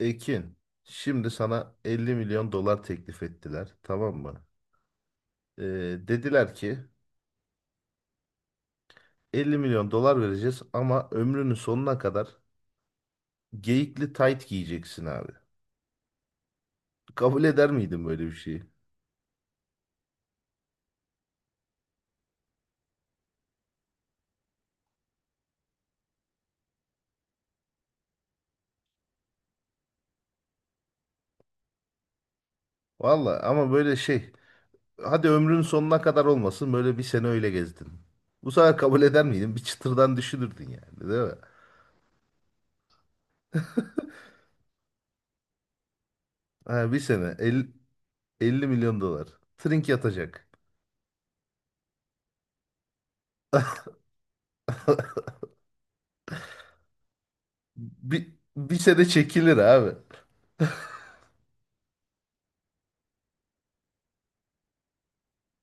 Ekin, şimdi sana 50 milyon dolar teklif ettiler, tamam mı? Ee, dediler ki 50 milyon dolar vereceğiz ama ömrünün sonuna kadar geyikli tayt giyeceksin abi. Kabul eder miydin böyle bir şeyi? Valla ama böyle şey, hadi ömrünün sonuna kadar olmasın böyle bir sene öyle gezdin. Bu sefer kabul eder miydin? Bir çıtırdan düşünürdün yani, değil mi? Ha, bir sene 50, 50 milyon dolar. Trink yatacak. Bir sene çekilir abi.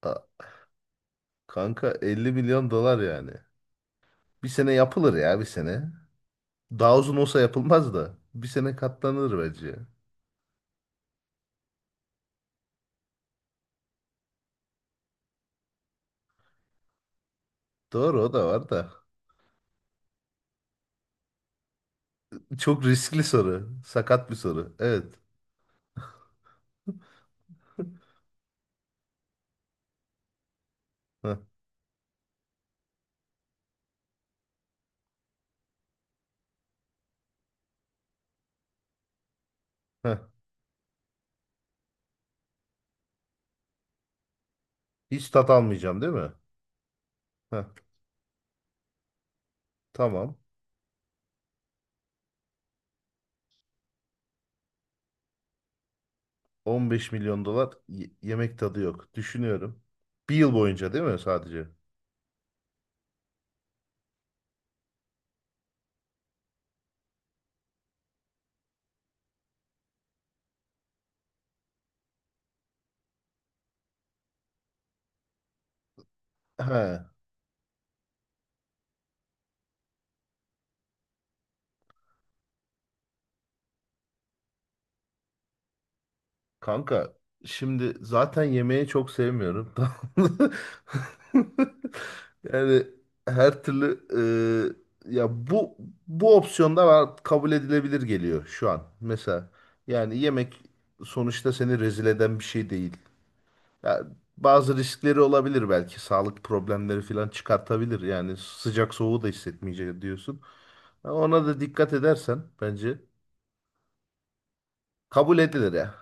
Kanka 50 milyon dolar yani. Bir sene yapılır ya bir sene. Daha uzun olsa yapılmaz da. Bir sene katlanır bence. Doğru o da var da. Çok riskli soru. Sakat bir soru. Evet. Heh, heh. Hiç tat almayacağım değil mi? Heh, tamam. 15 milyon dolar yemek tadı yok. Düşünüyorum. Bir yıl boyunca değil mi sadece? He. Kanka şimdi zaten yemeği çok sevmiyorum. Tamam mı? Yani her türlü ya bu opsiyonda var kabul edilebilir geliyor şu an. Mesela yani yemek sonuçta seni rezil eden bir şey değil. Ya bazı riskleri olabilir belki sağlık problemleri falan çıkartabilir. Yani sıcak soğuğu da hissetmeyecek diyorsun. Ona da dikkat edersen bence kabul edilir ya.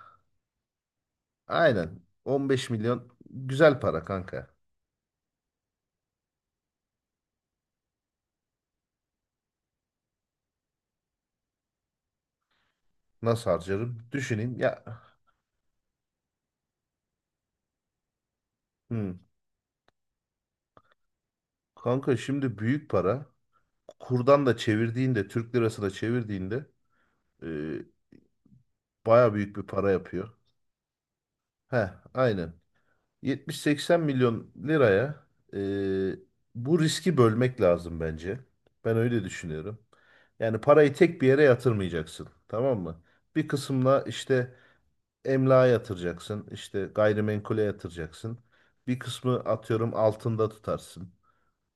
Aynen. 15 milyon güzel para kanka. Nasıl harcarım? Düşüneyim ya. Hmm. Kanka şimdi büyük para. Kurdan da çevirdiğinde, Türk lirasına çevirdiğinde e, baya büyük bir para yapıyor. Heh, aynen. 70-80 milyon liraya e, bu riski bölmek lazım bence. Ben öyle düşünüyorum. Yani parayı tek bir yere yatırmayacaksın. Tamam mı? Bir kısımla işte emlağa yatıracaksın. İşte gayrimenkule yatıracaksın. Bir kısmı atıyorum altında tutarsın.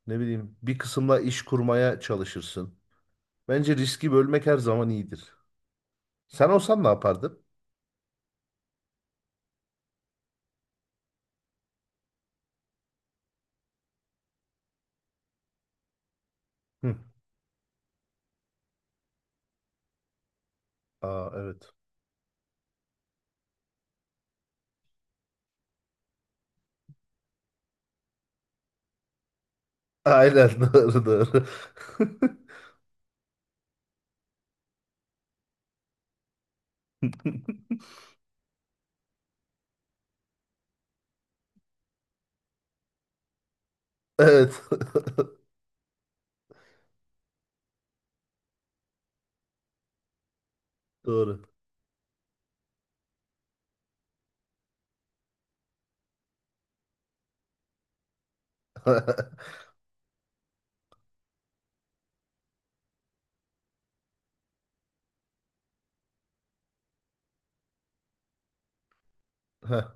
Ne bileyim bir kısımla iş kurmaya çalışırsın. Bence riski bölmek her zaman iyidir. Sen olsan ne yapardın? Hı. Aa, evet. Aynen doğru doğru. Evet. Doğru. Heh.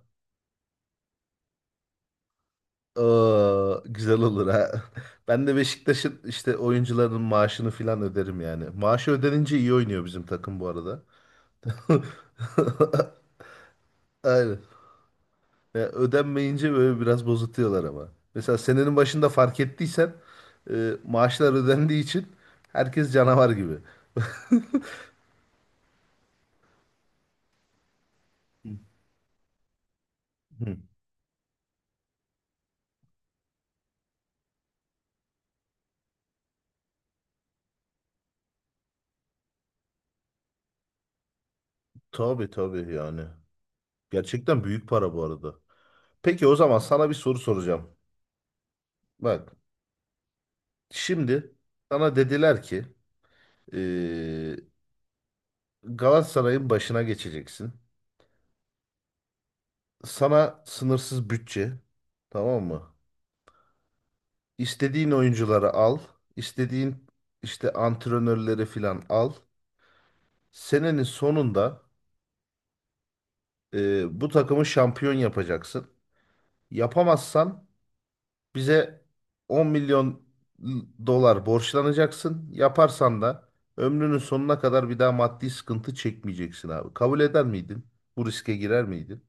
Aa, güzel olur ha. Ben de Beşiktaş'ın işte oyuncuların maaşını filan öderim yani. Maaşı ödenince iyi oynuyor bizim takım bu arada. Aynen. Ya ödenmeyince böyle biraz bozutuyorlar ama. Mesela senenin başında fark ettiysen maaşlar ödendiği için herkes canavar gibi. Hı. Tabii tabii yani. Gerçekten büyük para bu arada. Peki o zaman sana bir soru soracağım. Bak şimdi sana dediler ki eee, Galatasaray'ın başına geçeceksin. Sana sınırsız bütçe, tamam mı? İstediğin oyuncuları al. İstediğin işte antrenörleri filan al. Senenin sonunda bu takımı şampiyon yapacaksın. Yapamazsan bize 10 milyon dolar borçlanacaksın. Yaparsan da ömrünün sonuna kadar bir daha maddi sıkıntı çekmeyeceksin abi. Kabul eder miydin? Bu riske girer miydin?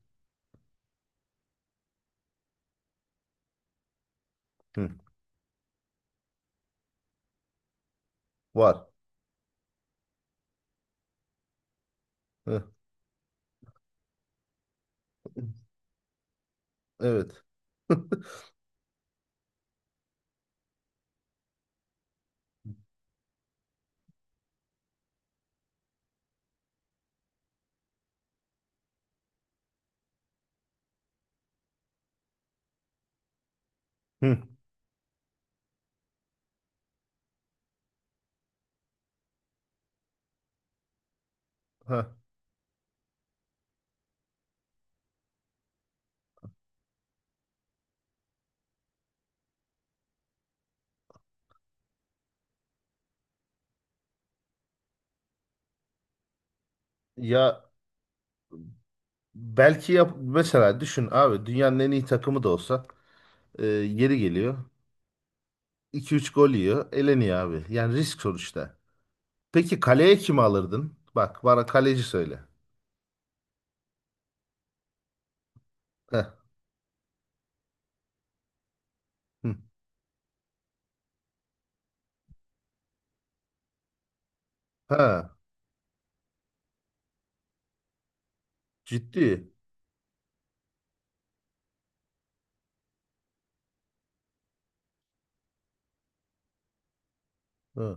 Hı. Var. Hı. Evet. Hı. Ha. Ya belki yap, mesela düşün abi, dünyanın en iyi takımı da olsa yeri geliyor. İki üç gol yiyor. Eleniyor abi. Yani risk sonuçta. Peki kaleye kimi alırdın? Bak bana kaleci söyle. Heh. Hı. Ha, ciddi. Ha.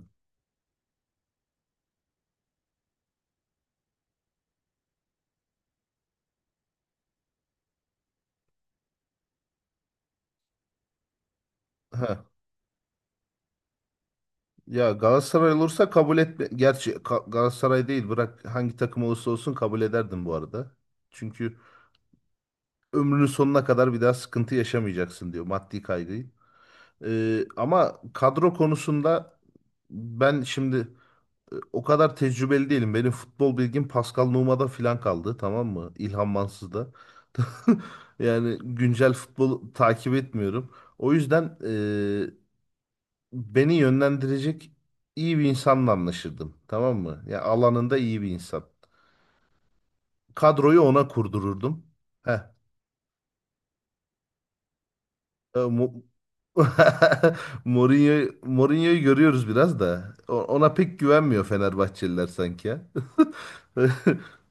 Ha. Ya Galatasaray olursa kabul etme. Gerçi Galatasaray değil, bırak, hangi takım olursa olsun kabul ederdim bu arada. Çünkü ömrünün sonuna kadar bir daha sıkıntı yaşamayacaksın diyor maddi kaygıyı. Ama kadro konusunda ben şimdi o kadar tecrübeli değilim. Benim futbol bilgim Pascal Nouma'da filan kaldı, tamam mı? İlhan Mansız'da. Yani güncel futbol takip etmiyorum. O yüzden beni yönlendirecek iyi bir insanla anlaşırdım. Tamam mı? Ya alanında iyi bir insan. Kadroyu ona kurdururdum. Heh. E, Mo- Mourinho'yu görüyoruz biraz da. Ona pek güvenmiyor Fenerbahçeliler sanki ya.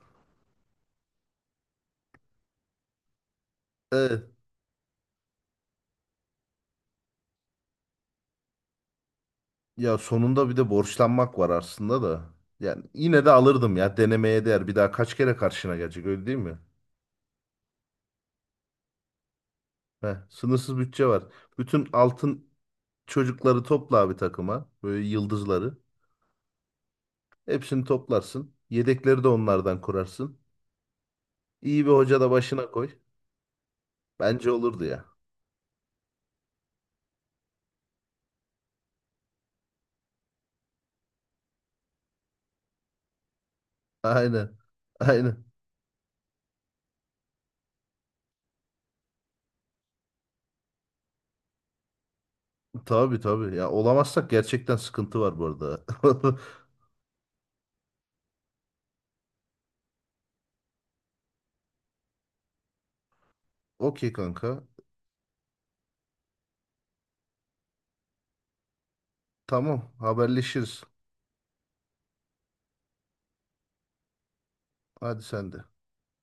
Evet. Ya sonunda bir de borçlanmak var aslında da. Yani yine de alırdım ya, denemeye değer. Bir daha kaç kere karşına gelecek, öyle değil mi? Heh, sınırsız bütçe var. Bütün altın çocukları topla abi takıma. Böyle yıldızları. Hepsini toplarsın. Yedekleri de onlardan kurarsın. İyi bir hoca da başına koy. Bence olurdu ya. Aynen. Aynen. Tabii tabii. Ya olamazsak gerçekten sıkıntı var bu arada. Okey kanka. Tamam, haberleşiriz. Hadi sen de.